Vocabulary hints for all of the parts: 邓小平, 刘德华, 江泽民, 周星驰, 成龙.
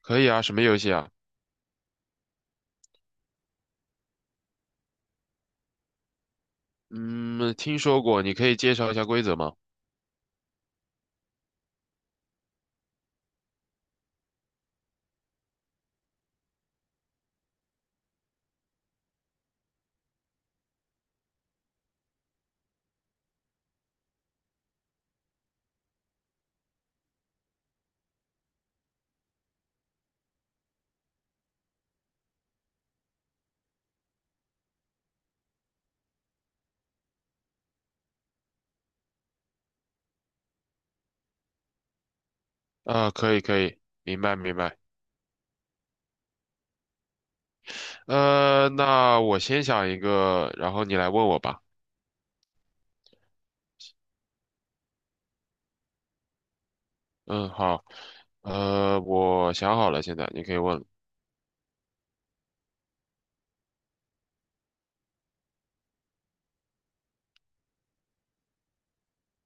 可以啊，什么游戏啊？嗯，听说过，你可以介绍一下规则吗？啊，可以，可以，明白，明白。那我先想一个，然后你来问我吧。嗯，好。我想好了，现在你可以问了。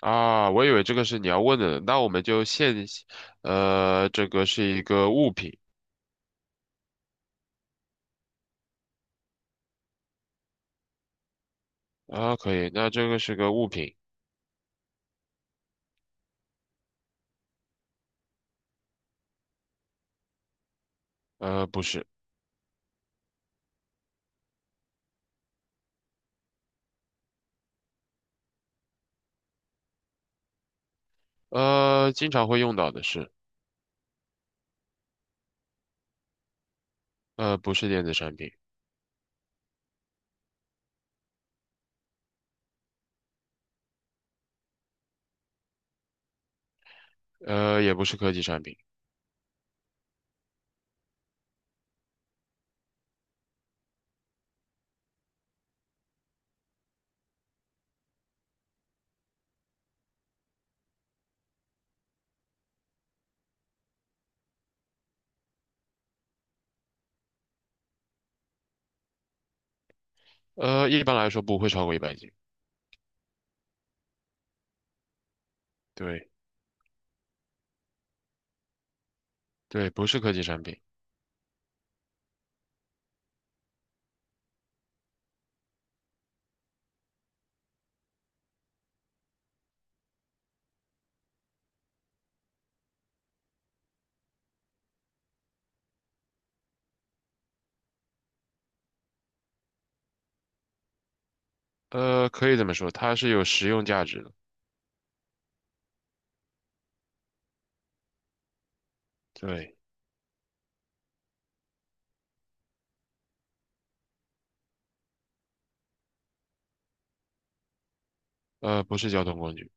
啊，我以为这个是你要问的呢，那我们就现，这个是一个物品啊，可以，那这个是个物品，不是，经常会用到的是，不是电子产品，也不是科技产品，一般来说不会超过100斤。对对，不是科技产品，可以这么说，它是有实用价值的。对，不是交通工具，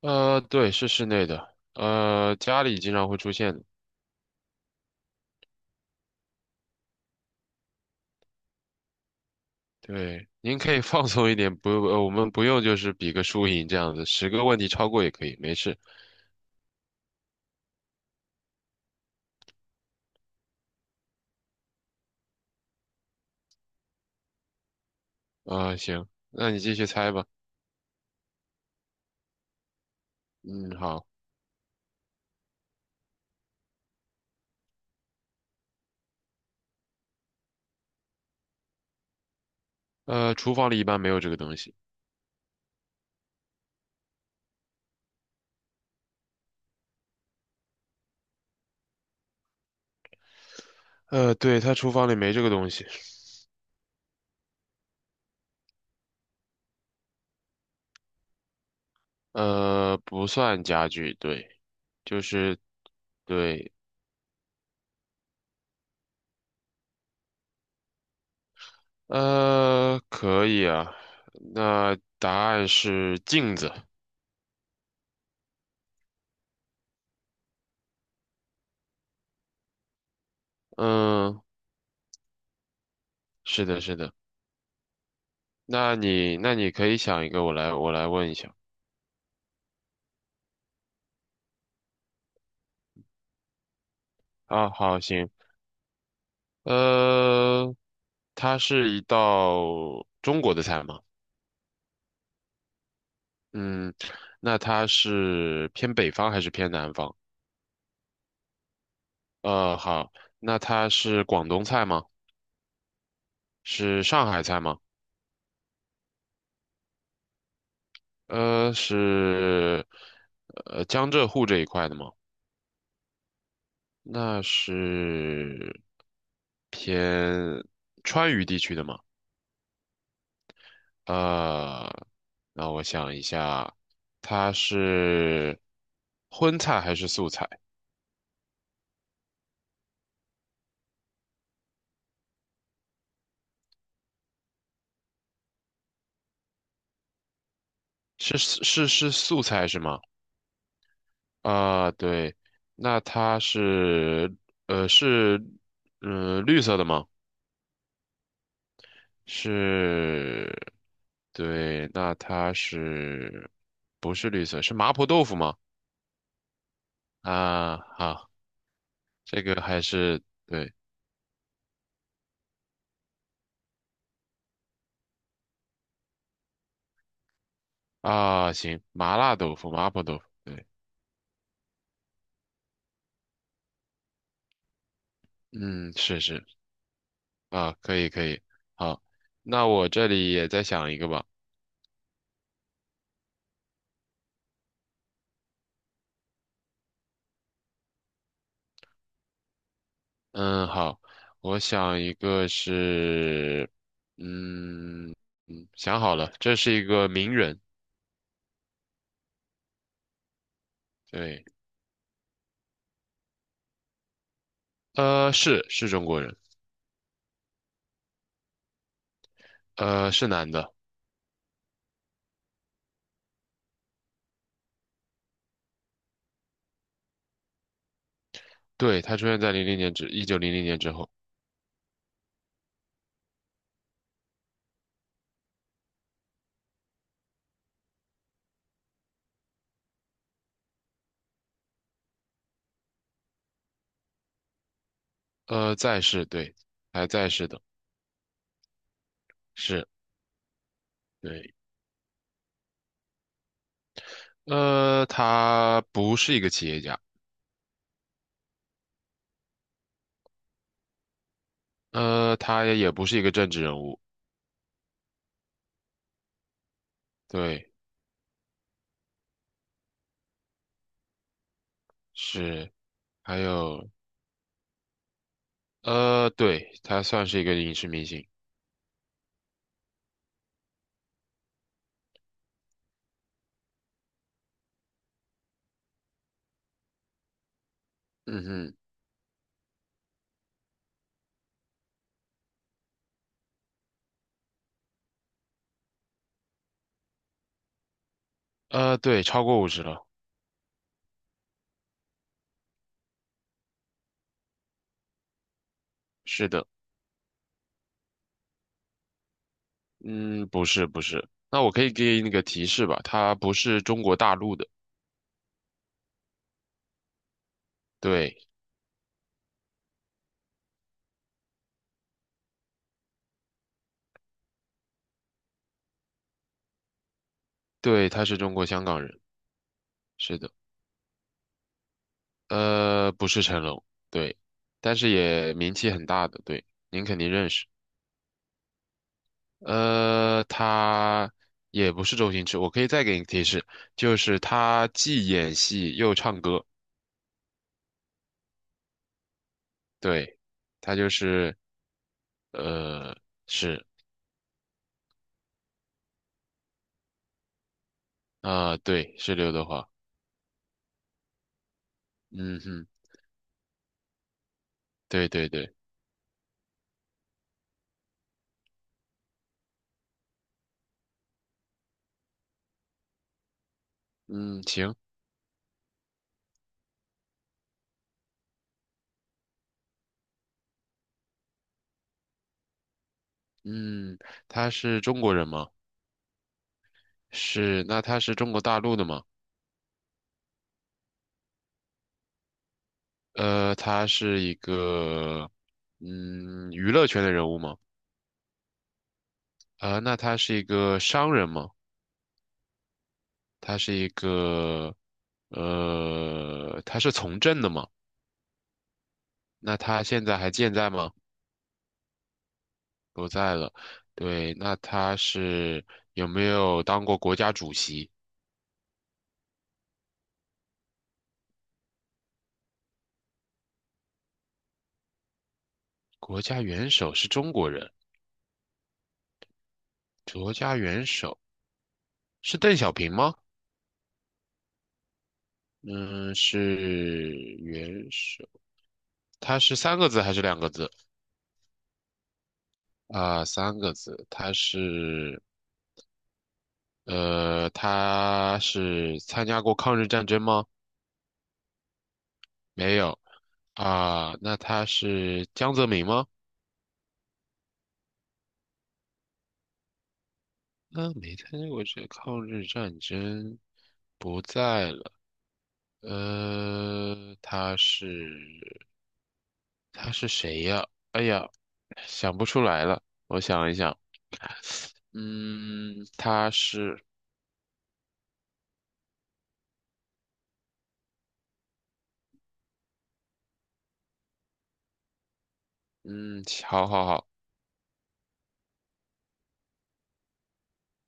对，是室内的，家里经常会出现的。对，您可以 放松一点，不，我们不用就是比个输赢这样子，10个问题超过也可以，没事。行，那你继续猜吧。嗯，好。厨房里一般没有这个东西。对，它厨房里没这个东西。不算家具，对，就是对。可以啊。那答案是镜子。嗯，是的，是的。那你可以想一个，我来问一下。啊，好，行。呃，它是一道中国的菜吗？嗯，那它是偏北方还是偏南方？好，那它是广东菜吗？是上海菜吗？是，江浙沪这一块的吗？那是偏川渝地区的吗？啊、那我想一下，它是荤菜还是素菜？是是是素菜是吗？对，那它是绿色的吗？是，对，那它是不是绿色？是麻婆豆腐吗？啊，好，这个还是对。啊，行，麻辣豆腐，麻婆豆腐，对，嗯，是是，啊，可以可以，好，那我这里也再想一个吧，嗯，好，我想一个是，嗯想好了，这是一个名人，对，是中国人，是男的，对，他出现在零零年之1900年之后，在世，对，还在世的，是，对，他不是一个企业家。他也不是一个政治人物，对，是，还有，对，他算是一个影视明星，嗯哼，对，超过50了，是的，嗯，不是，不是，那我可以给你个提示吧，他不是中国大陆的，对，对，他是中国香港人，是的，不是成龙，对，但是也名气很大的，对，您肯定认识。他也不是周星驰，我可以再给你提示，就是他既演戏又唱歌，对，他就是呃是啊、对，是刘德华，嗯哼，对对对，嗯行，嗯，他是中国人吗？是，那他是中国大陆的吗？他是一个娱乐圈的人物吗？那他是一个商人吗？他是一个，他是从政的嘛？那他现在还健在吗？不在了。对，那他是有没有当过国家主席？国家元首是中国人，国家元首是邓小平吗？嗯，是元首。他是三个字还是2个字？啊，三个字。他是，他是参加过抗日战争吗？没有啊，那他是江泽民吗？那没参加过这抗日战争，不在了。呃，他是他是谁呀？哎呀，想不出来了。我想一想，嗯，他是嗯，好好好，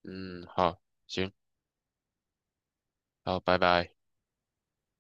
嗯，好，行，好，拜拜。